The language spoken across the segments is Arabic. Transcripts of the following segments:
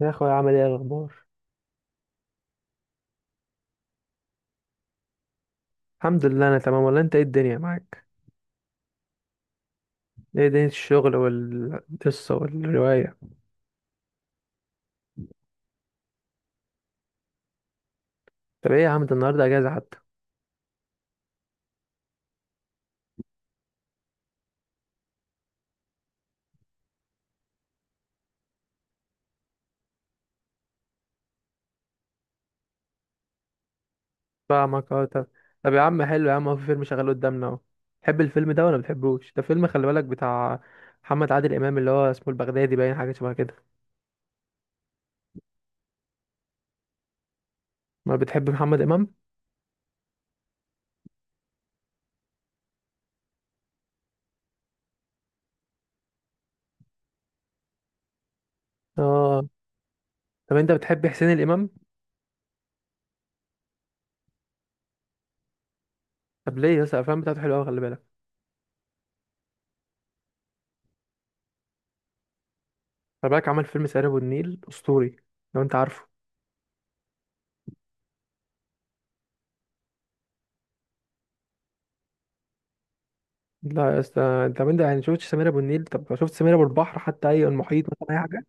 يا اخويا، عامل ايه الاخبار؟ الحمد لله انا تمام. ولا انت، ايه الدنيا معاك؟ ايه دنيا الشغل والقصه والروايه؟ طب ايه يا عم، ده النهارده اجازه حتى. فاهمك. اه، طب. طب يا عم، حلو يا عم، هو في فيلم شغال قدامنا اهو. تحب الفيلم ده ولا بتحبوش؟ ده فيلم خلي بالك بتاع محمد عادل امام، اللي هو اسمه البغدادي، باين حاجه شبه كده. ما بتحب محمد امام؟ اه، طب انت بتحب حسين الامام؟ طب ليه يا اسطى؟ الافلام بتاعته حلوه قوي خلي بالك. خلي بالك عمل فيلم سهر ابو النيل اسطوري، لو انت عارفه. لا يا اسطى، طب انت يعني شفتش سمير ابو النيل؟ طب شفت سمير ابو البحر؟ حتى اي المحيط مثلا اي حاجه.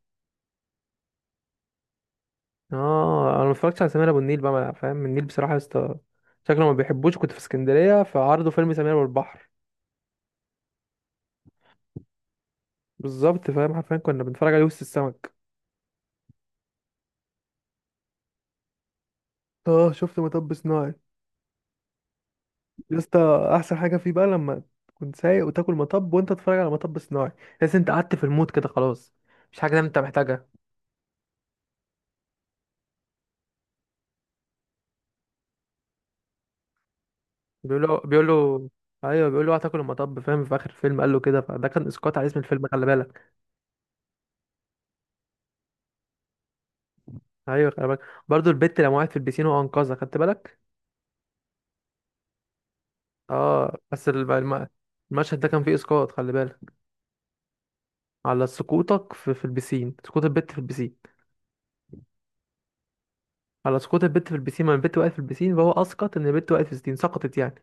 اه، انا ما اتفرجتش على سمير ابو النيل بقى. فاهم النيل بصراحه يا اسطى، شكله ما بيحبوش. كنت في اسكندريه فعرضوا فيلم سمير ابو البحر. بالظبط فاهم، حرفيا كنا بنتفرج عليه وسط السمك. اه، شفت مطب صناعي. يا اسطى احسن حاجه فيه بقى لما تكون سايق وتاكل مطب وانت تتفرج على مطب صناعي. تحس انت قعدت في المود كده، خلاص مش حاجه انت محتاجها. بيقولوا بيقولوا، ايوه بيقولوا هتاكل المطب فاهم. في اخر الفيلم قال له كده، فده كان اسقاط على اسم الفيلم خلي بالك. ايوه خلي بالك، برضه البت لما وقعت في البيسين وانقذها، خدت بالك. اه، بس المشهد ده كان فيه اسقاط خلي بالك. على سقوطك في البيسين، سقوط البت في البيسين. على سقوط البت في البيسين، ما البت وقعت في البيسين، فهو اسقط ان البت وقعت في البيسين، سقطت يعني.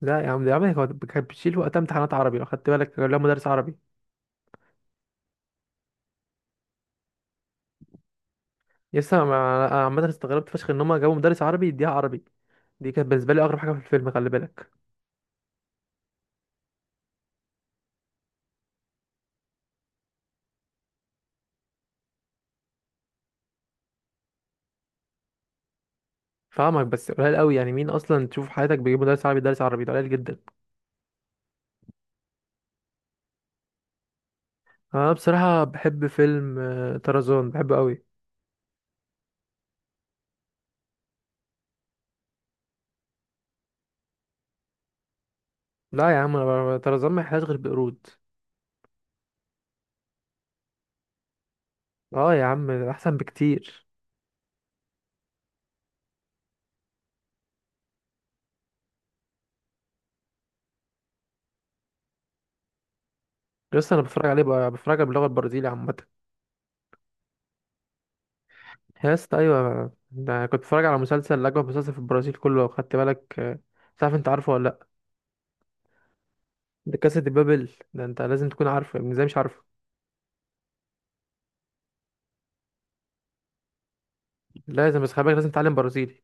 لا يا عم يا عم، هو كانت بتشيل وقتها امتحانات عربي لو خدت بالك، كان لها مدرس عربي. لسه أنا عامه استغربت فشخ ان هم جابوا مدرس عربي يديها عربي. دي كانت بالنسبه لي اغرب حاجه في الفيلم خلي بالك. فاهمك، بس قليل قوي يعني، مين اصلا تشوف في حياتك بيجيب مدرس عربي يدرس عربي؟ ده قليل جدا. انا بصراحه بحب فيلم طرزان، بحبه قوي. لا يا عم، انا طرزان ما يحلاش غير بقرود. اه يا عم، ده احسن بكتير. لسه انا بتفرج عليه بقى، بتفرج على باللغه البرازيليه عامه. يا اسطى ايوه، ده كنت بتفرج على مسلسل اجمل مسلسل في البرازيل كله لو خدت بالك مش عارف انت عارفه ولا لا. ده كاسا دي بابل، ده انت لازم تكون عارفه يعني، ازاي مش عارفه؟ لازم بس خلي بالك، لازم تتعلم برازيلي.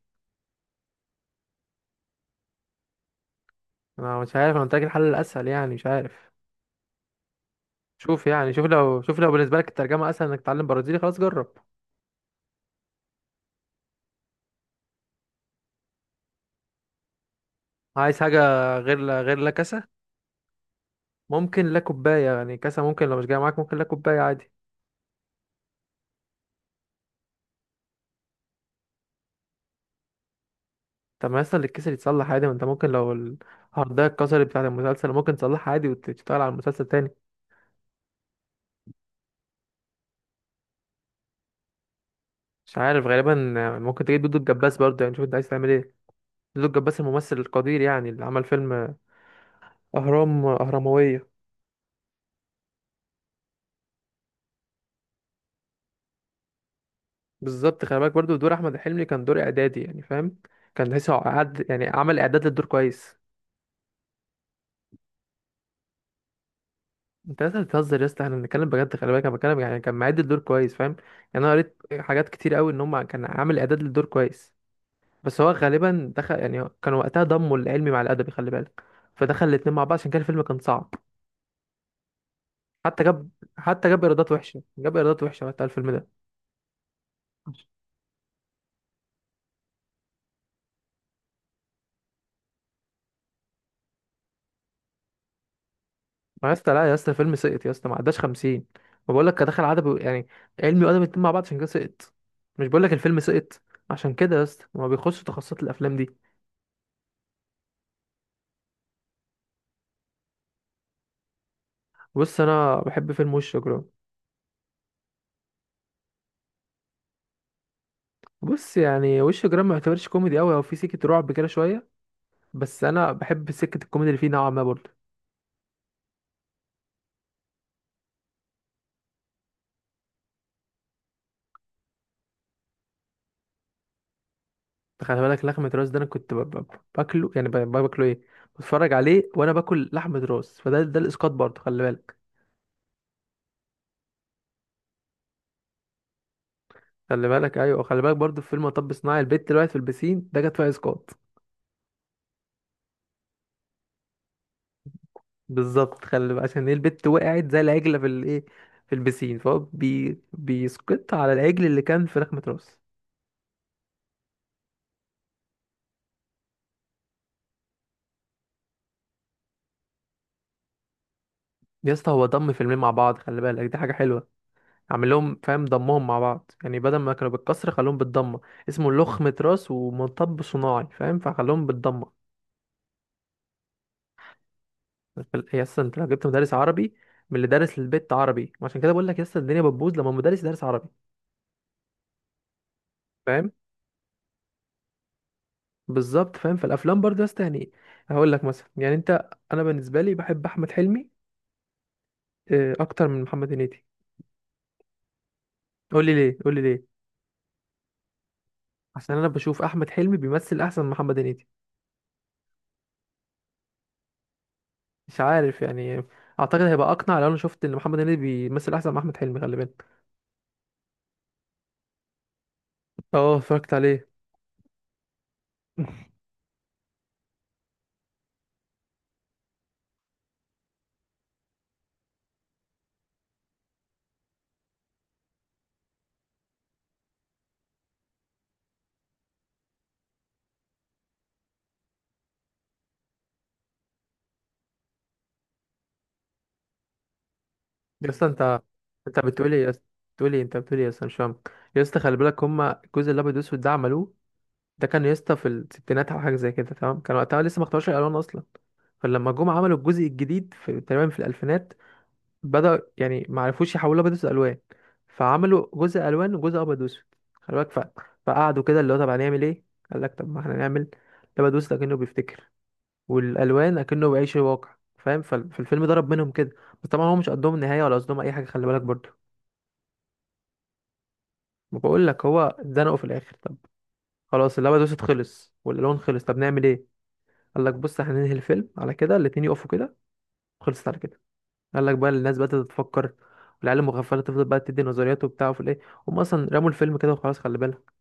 انا مش عارف، انا قلت لك الحل الاسهل يعني، مش عارف. شوف يعني، شوف لو بالنسبه لك الترجمه اسهل انك تتعلم برازيلي، خلاص جرب. عايز حاجه غير لا كاسا، ممكن لا كوباية يعني كاسة، ممكن لو مش جاية معاك ممكن لا كوباية عادي. طب ما يصل الكيس اللي يتصلح عادي، ما انت ممكن لو الهاردية اتكسرت بتاعة المسلسل، ممكن تصلحها عادي وتشتغل على المسلسل تاني. مش عارف غالبا. ممكن تجيب دودو الجباس برضه، يعني شوف انت عايز تعمل ايه. دودو الجباس الممثل القدير يعني، اللي عمل فيلم أهرام أهرموية. بالظبط خلي بالك، برضه دور أحمد حلمي كان دور إعدادي يعني فاهم. كان تحسه قعد يعني، عمل إعداد للدور كويس. انت لسه بتهزر يا اسطى، احنا بنتكلم بجد خلي بالك. انا بتكلم يعني كان معد الدور كويس، فاهم؟ يعني انا قريت حاجات كتير قوي ان هم كان عامل اعداد للدور كويس. بس هو غالبا دخل يعني، كان وقتها ضموا العلمي مع الادبي خلي بالك. فدخل الاتنين مع بعض، عشان كده الفيلم كان صعب. حتى جاب حتى جاب ايرادات وحشه، وقتها الفيلم ده. ما يا اسطى، لا يا اسطى، الفيلم سقط يا اسطى، ما عداش 50. ما بقول لك كان دخل عدد يعني علمي وادبي الاتنين مع بعض، عشان كده سقط. مش بقول لك الفيلم سقط؟ عشان كده يا اسطى ما بيخش تخصصات الافلام دي. بص، انا بحب فيلم وش جرام. بص يعني، وش جرام ما يعتبرش كوميدي قوي، هو في سكه رعب كده شويه، بس انا بحب سكه الكوميدي اللي فيه نوعا ما برضه. خلي بالك لحمه راس، ده انا كنت باكله يعني باكله ايه، بتفرج عليه وانا باكل لحمه راس. فده الاسقاط برضه خلي بالك. خلي بالك، ايوه خلي بالك، برضه في فيلم مطب صناعي البت اللي وقعت في البسين، ده جت فيها اسقاط. بالظبط خلي بالك، عشان ايه البت وقعت زي العجله في الايه، في البسين. فهو بيسقط على العجل اللي كان في لحمه راس. يا اسطى هو ضم فيلمين مع بعض خلي بالك، دي حاجه حلوه. اعمل لهم فاهم، ضمهم مع بعض يعني، بدل ما كانوا بالكسر خلوهم بالضمه. اسمه لخمة راس ومطب صناعي فاهم، فخلوهم بالضمه. يا اسطى انت لو جبت مدرس عربي من اللي دارس للبيت عربي، عشان كده بقول لك يا اسطى الدنيا بتبوظ لما مدرس دارس عربي، فاهم. بالظبط فاهم، في الافلام برضه يا اسطى يعني، هقول لك مثلا يعني انت، انا بالنسبه لي بحب احمد حلمي اكتر من محمد هنيدي. قول لي ليه، قول لي ليه. عشان انا بشوف احمد حلمي بيمثل احسن من محمد هنيدي. مش عارف يعني، اعتقد هيبقى اقنع لو انا شفت ان محمد هنيدي بيمثل احسن من احمد حلمي خلي بالك. اه، اتفرجت عليه. يا اسطى انت بتقولي يا اسطى، بتقولي انت بتقولي يا اسطى، مش فاهم. يا اسطى خلي بالك، هما الجزء الابيض والاسود ده عملوه، ده كان يا اسطى في الستينات او حاجه زي كده تمام. كان وقتها لسه ما اختاروش الالوان اصلا. فلما جم عملوا الجزء الجديد في تقريبا في الالفينات، بدأ يعني ما عرفوش يحولوا ابيض واسود الوان، فعملوا جزء الوان وجزء ابيض واسود خلي بالك. فقعدوا كده اللي هو، طب هنعمل ايه؟ قال لك طب ما احنا نعمل الابيض واسود كأنه بيفتكر، والالوان اكنه بيعيش الواقع، فاهم. فالفيلم ضرب منهم كده، بس طبعا هو مش قدهم النهايه ولا قصدهم اي حاجه، خلي بالك برضه. ما بقول لك، هو اتزنقوا في الاخر. طب خلاص، اللعبه دوست خلص، والالوان خلص، طب نعمل ايه؟ قال لك بص احنا ننهي الفيلم على كده، الاتنين يقفوا كده، خلصت على كده. قال لك، بقى الناس بدات تفكر، والعيال المغفله تفضل بقى تدي نظريات وبتاع وفي الايه، هم اصلا رموا الفيلم كده وخلاص خلي بالك.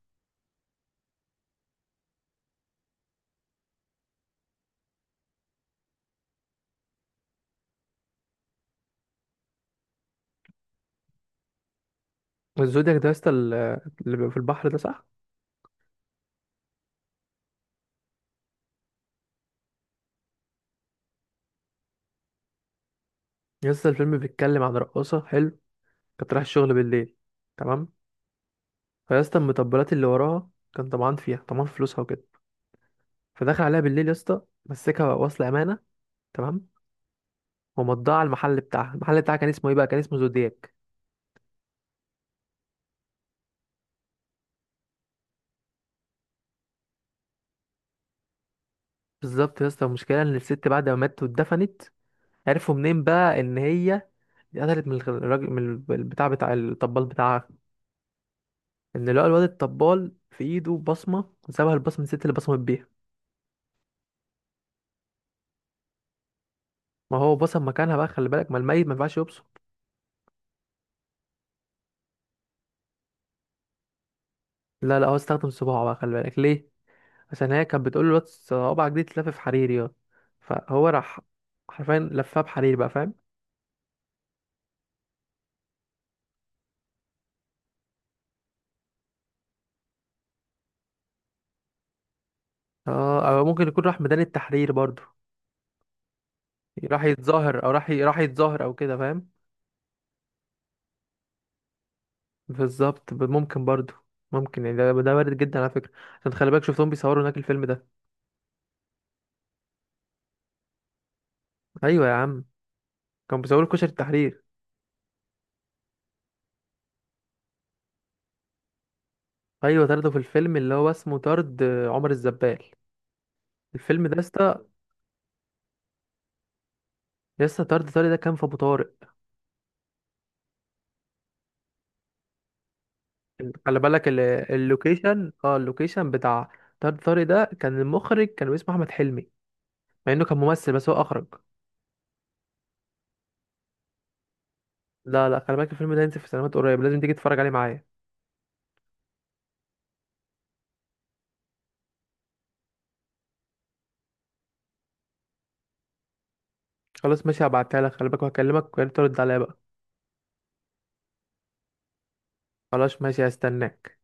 الزودياك ده يا اسطى، اللي بيبقى في البحر ده، صح؟ يا اسطى الفيلم بيتكلم عن رقاصه حلو، كانت رايحه الشغل بالليل، تمام. فيا اسطى المطبلات اللي وراها كان طمعان فيها، طمعان في فلوسها وكده. فدخل عليها بالليل يا اسطى، مسكها وصل امانه، تمام. ومضاها على المحل بتاعها. المحل بتاعها كان اسمه ايه بقى؟ كان اسمه زودياك. بالظبط يا اسطى، المشكله ان الست بعد ما ماتت واتدفنت، عرفوا منين بقى ان هي اتقتلت من الراجل، من البتاع بتاع الطبال بتاعها. ان لقى الواد الطبال في ايده بصمه، وسابها البصمه الست اللي بصمت بيها. ما هو بصم مكانها بقى خلي بالك، ما الميت ما ينفعش يبصم. لا لا، هو استخدم صباعه بقى خلي بالك، ليه؟ عشان هي كانت بتقول له، الواد صوابعك دي تتلف في حريري. اه، فهو راح حرفيا لفها بحرير بقى، فاهم. اه، او ممكن يكون راح ميدان التحرير برضو، راح يتظاهر، او راح يتظاهر او كده فاهم. بالظبط، ممكن برضو. ممكن يعني، ده وارد جدا على فكره. عشان خلي بالك شفتهم بيصوروا هناك الفيلم ده. ايوه يا عم، كانوا بيصوروا كشري التحرير. ايوه طردوا في الفيلم اللي هو اسمه طرد عمر الزبال، الفيلم ده يا اسطى. يا اسطى طرد طارق ده كان في ابو طارق، خلي بالك. اللوكيشن بتاع طارق ده كان المخرج، كان اسمه احمد حلمي، مع انه كان ممثل بس هو اخرج. لا لا، خلي بالك الفيلم ده هينزل في سينمات قريب، لازم تيجي تتفرج عليه معايا. خلاص ماشي، هبعتها لك خلي بالك، وهكلمك ويا ريت ترد عليا بقى. خلاص ماشي، هستناك.